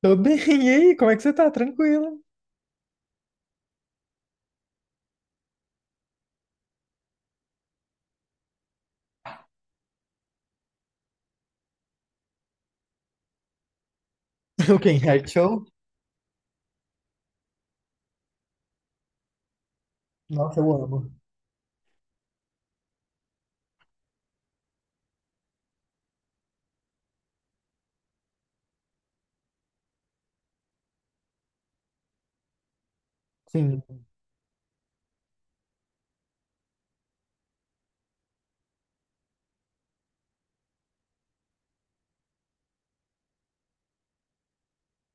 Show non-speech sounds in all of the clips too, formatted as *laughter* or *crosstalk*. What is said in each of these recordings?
Tô bem, e aí? Como é que você tá? Tranquila? *laughs* O quê? Reality show? Nossa, eu amo. Sim.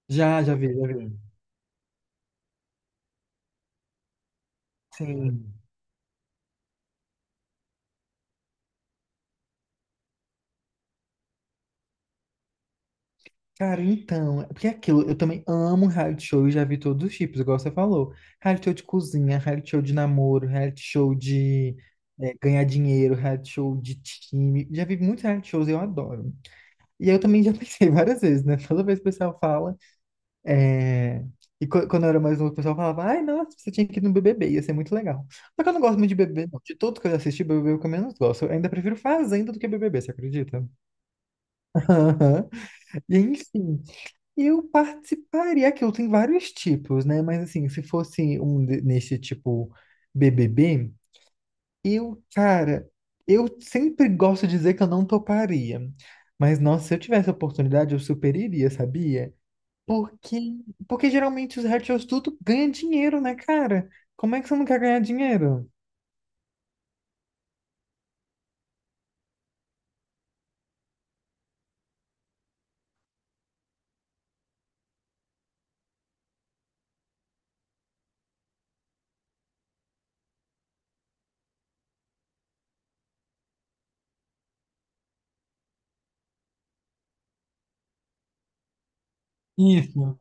Já, já vi, já vi. Sim. Cara, então, é porque é aquilo, eu também amo reality show e já vi todos os tipos, igual você falou. Reality show de cozinha, reality show de namoro, reality show de ganhar dinheiro, reality show de time. Já vi muitos reality shows e eu adoro. E eu também já pensei *laughs* várias vezes, né? Toda vez que o pessoal fala. É, Quando eu era mais novo, o pessoal falava, ai, nossa, você tinha que ir no BBB, ia ser muito legal. Só que eu não gosto muito de BBB, não. De tudo que eu assisti, BBB é o que eu menos gosto. Eu ainda prefiro Fazenda do que BBB, você acredita? *laughs* Aham. E enfim, eu participaria. Aquilo tem vários tipos, né? Mas assim, se fosse um nesse tipo BBB, eu, cara, eu sempre gosto de dizer que eu não toparia. Mas, nossa, se eu tivesse a oportunidade, eu super iria, sabia? Porque, porque geralmente os retiros tudo ganha dinheiro, né, cara? Como é que você não quer ganhar dinheiro? Isso.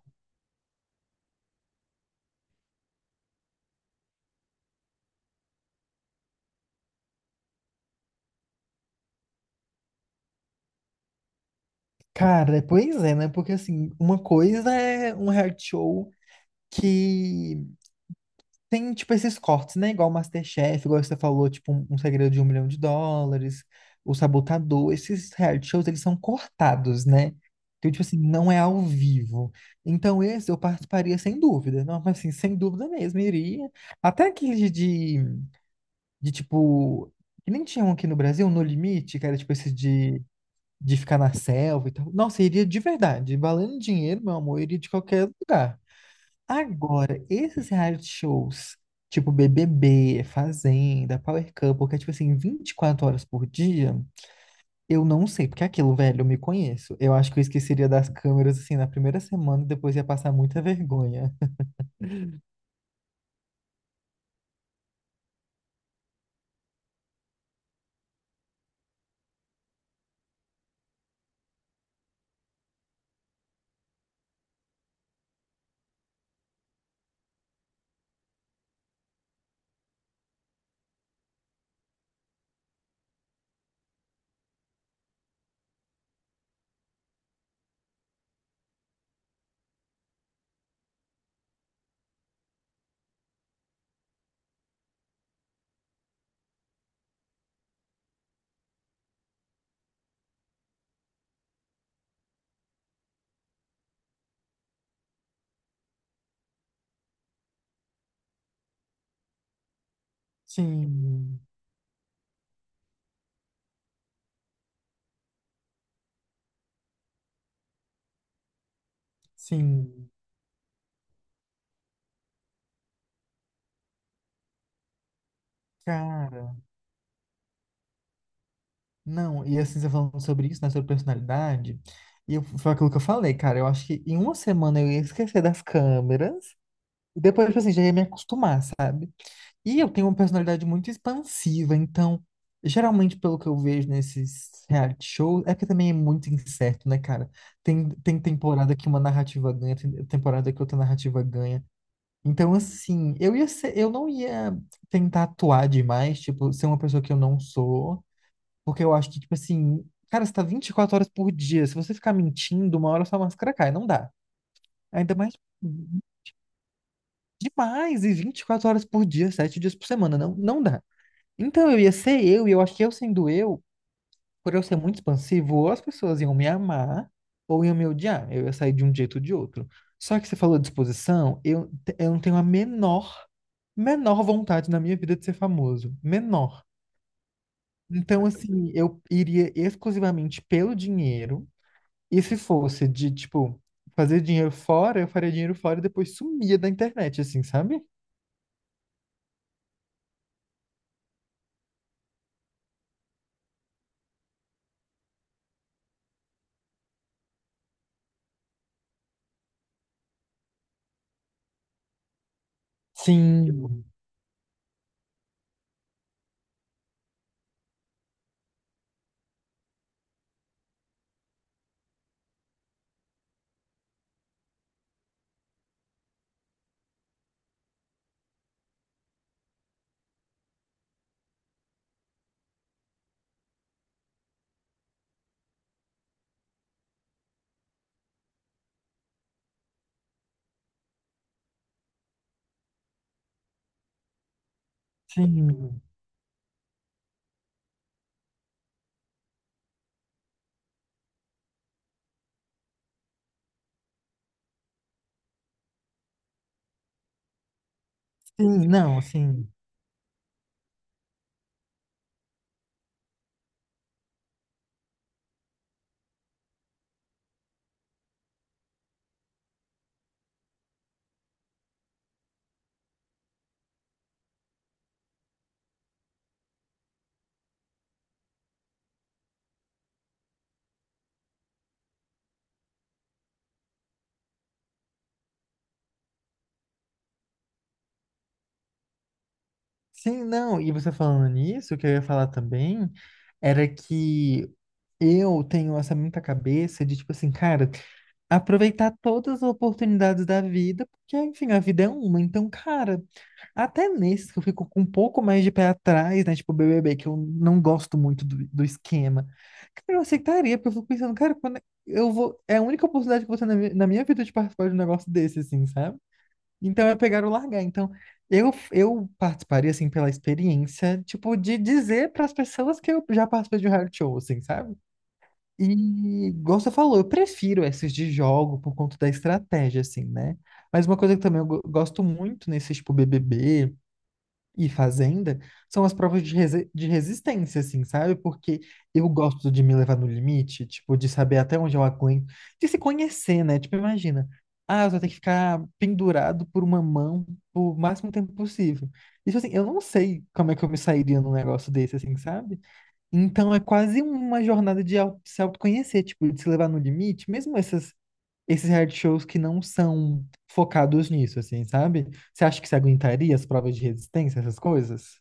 Cara, pois é, né? Porque assim, uma coisa é um reality show que tem, tipo, esses cortes, né? Igual MasterChef, igual você falou, tipo, um segredo de 1 milhão de dólares, o Sabotador, esses reality shows, eles são cortados, né? Então, tipo assim, não é ao vivo. Então, esse eu participaria sem dúvida. Não, mas assim, sem dúvida mesmo, iria. Até aquele de tipo, que nem tinha um aqui no Brasil, No Limite, que era tipo esse de ficar na selva e tal. Nossa, eu iria de verdade, valendo dinheiro, meu amor, eu iria de qualquer lugar. Agora, esses reality shows, tipo BBB, Fazenda, Power Couple, que é tipo assim, 24 horas por dia, eu não sei, porque é aquilo, velho, eu me conheço. Eu acho que eu esqueceria das câmeras assim na primeira semana e depois ia passar muita vergonha. Sim, sim. Cara, não, e assim, você falando sobre isso, né, sobre personalidade, foi aquilo que eu falei, cara, eu acho que em uma semana eu ia esquecer das câmeras, e depois, tipo assim, já ia me acostumar, sabe? E eu tenho uma personalidade muito expansiva, então, geralmente, pelo que eu vejo nesses reality shows, é porque também é muito incerto, né, cara? Tem temporada que uma narrativa ganha, tem temporada que outra narrativa ganha. Então, assim, eu ia ser, eu não ia tentar atuar demais, tipo, ser uma pessoa que eu não sou, porque eu acho que, tipo assim, cara, você tá 24 horas por dia. Se você ficar mentindo, uma hora sua máscara cai. Não dá. Ainda mais demais. E 24 horas por dia, 7 dias por semana. Não dá. Então eu ia ser eu, e eu acho que eu sendo eu, por eu ser muito expansivo, ou as pessoas iam me amar, ou iam me odiar. Eu ia sair de um jeito ou de outro. Só que você falou de exposição, eu não tenho a menor, menor vontade na minha vida de ser famoso. Menor. Então, assim, eu iria exclusivamente pelo dinheiro. E se fosse de, tipo, fazer dinheiro fora, eu faria dinheiro fora e depois sumia da internet, assim, sabe? Tipo, sim, sim, sim, não, assim. Sim, não. E você falando nisso, o que eu ia falar também era que eu tenho essa muita cabeça de, tipo assim, cara, aproveitar todas as oportunidades da vida, porque, enfim, a vida é uma. Então, cara, até nesses que eu fico com um pouco mais de pé atrás, né? Tipo, BBB, que eu não gosto muito do esquema. Cara, eu aceitaria, porque eu fico pensando, cara, quando eu vou. É a única oportunidade que você na minha vida de participar de um negócio desse, assim, sabe? Então é pegar ou largar. Então, eu participaria, assim, pela experiência, tipo, de dizer para as pessoas que eu já participei de um reality show, assim, sabe? E, igual você falou, eu prefiro esses de jogo por conta da estratégia, assim, né? Mas uma coisa que também eu gosto muito nesse, tipo, BBB e Fazenda são as provas de resistência, assim, sabe? Porque eu gosto de me levar no limite, tipo, de saber até onde eu aguento, de se conhecer, né? Tipo, imagina, ah, eu vou ter que ficar pendurado por uma mão o máximo tempo possível. Isso, assim, eu não sei como é que eu me sairia num negócio desse, assim, sabe? Então é quase uma jornada de se autoconhecer, tipo, de se levar no limite, mesmo essas esses reality shows que não são focados nisso, assim, sabe? Você acha que você aguentaria as provas de resistência, essas coisas?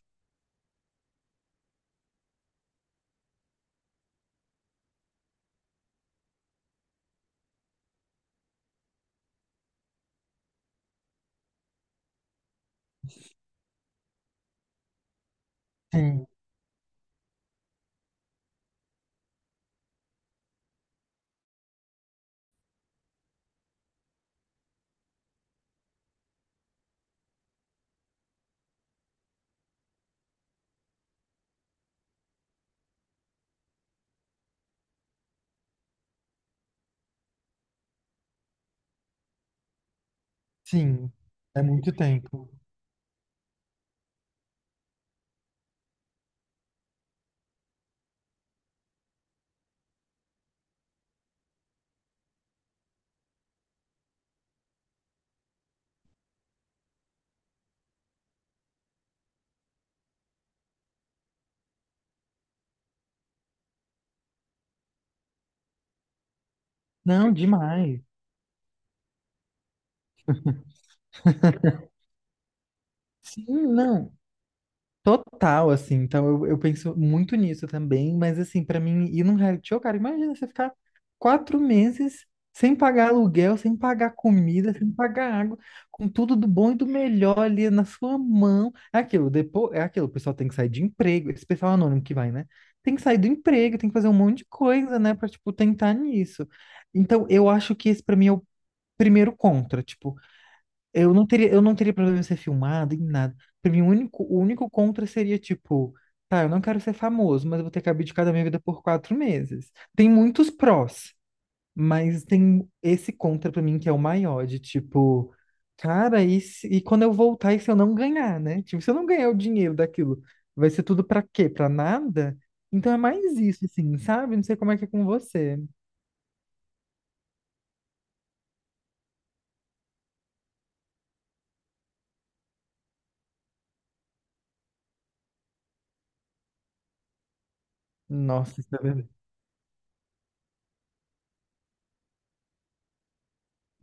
Sim, sim. É muito tempo. Não, demais. Sim, não. Total, assim, então eu penso muito nisso também, mas assim, pra mim, ir num reality show, cara, imagina você ficar 4 meses sem pagar aluguel, sem pagar comida, sem pagar água, com tudo do bom e do melhor ali na sua mão. É aquilo, depois, é aquilo, o pessoal tem que sair de emprego, esse pessoal anônimo que vai, né? Tem que sair do emprego, tem que fazer um monte de coisa, né, pra, tipo, tentar nisso. Então, eu acho que esse pra mim é o primeiro contra, tipo, eu não teria problema em ser filmado, em nada. Pra mim, o único contra seria, tipo, tá, eu não quero ser famoso, mas eu vou ter que abdicar da minha vida por 4 meses. Tem muitos prós, mas tem esse contra pra mim que é o maior, de tipo, cara, e, e quando eu voltar, e se eu não ganhar, né? Tipo, se eu não ganhar o dinheiro daquilo, vai ser tudo pra quê? Pra nada? Então é mais isso, assim, sabe? Não sei como é que é com você. Nossa, isso é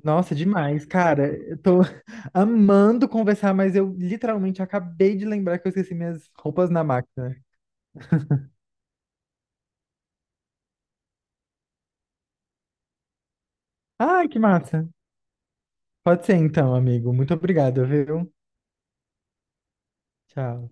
Nossa, demais, cara. Eu tô *laughs* amando conversar, mas eu literalmente acabei de lembrar que eu esqueci minhas roupas na máquina. Ai, que massa. Pode ser então, amigo. Muito obrigado, viu? Tchau.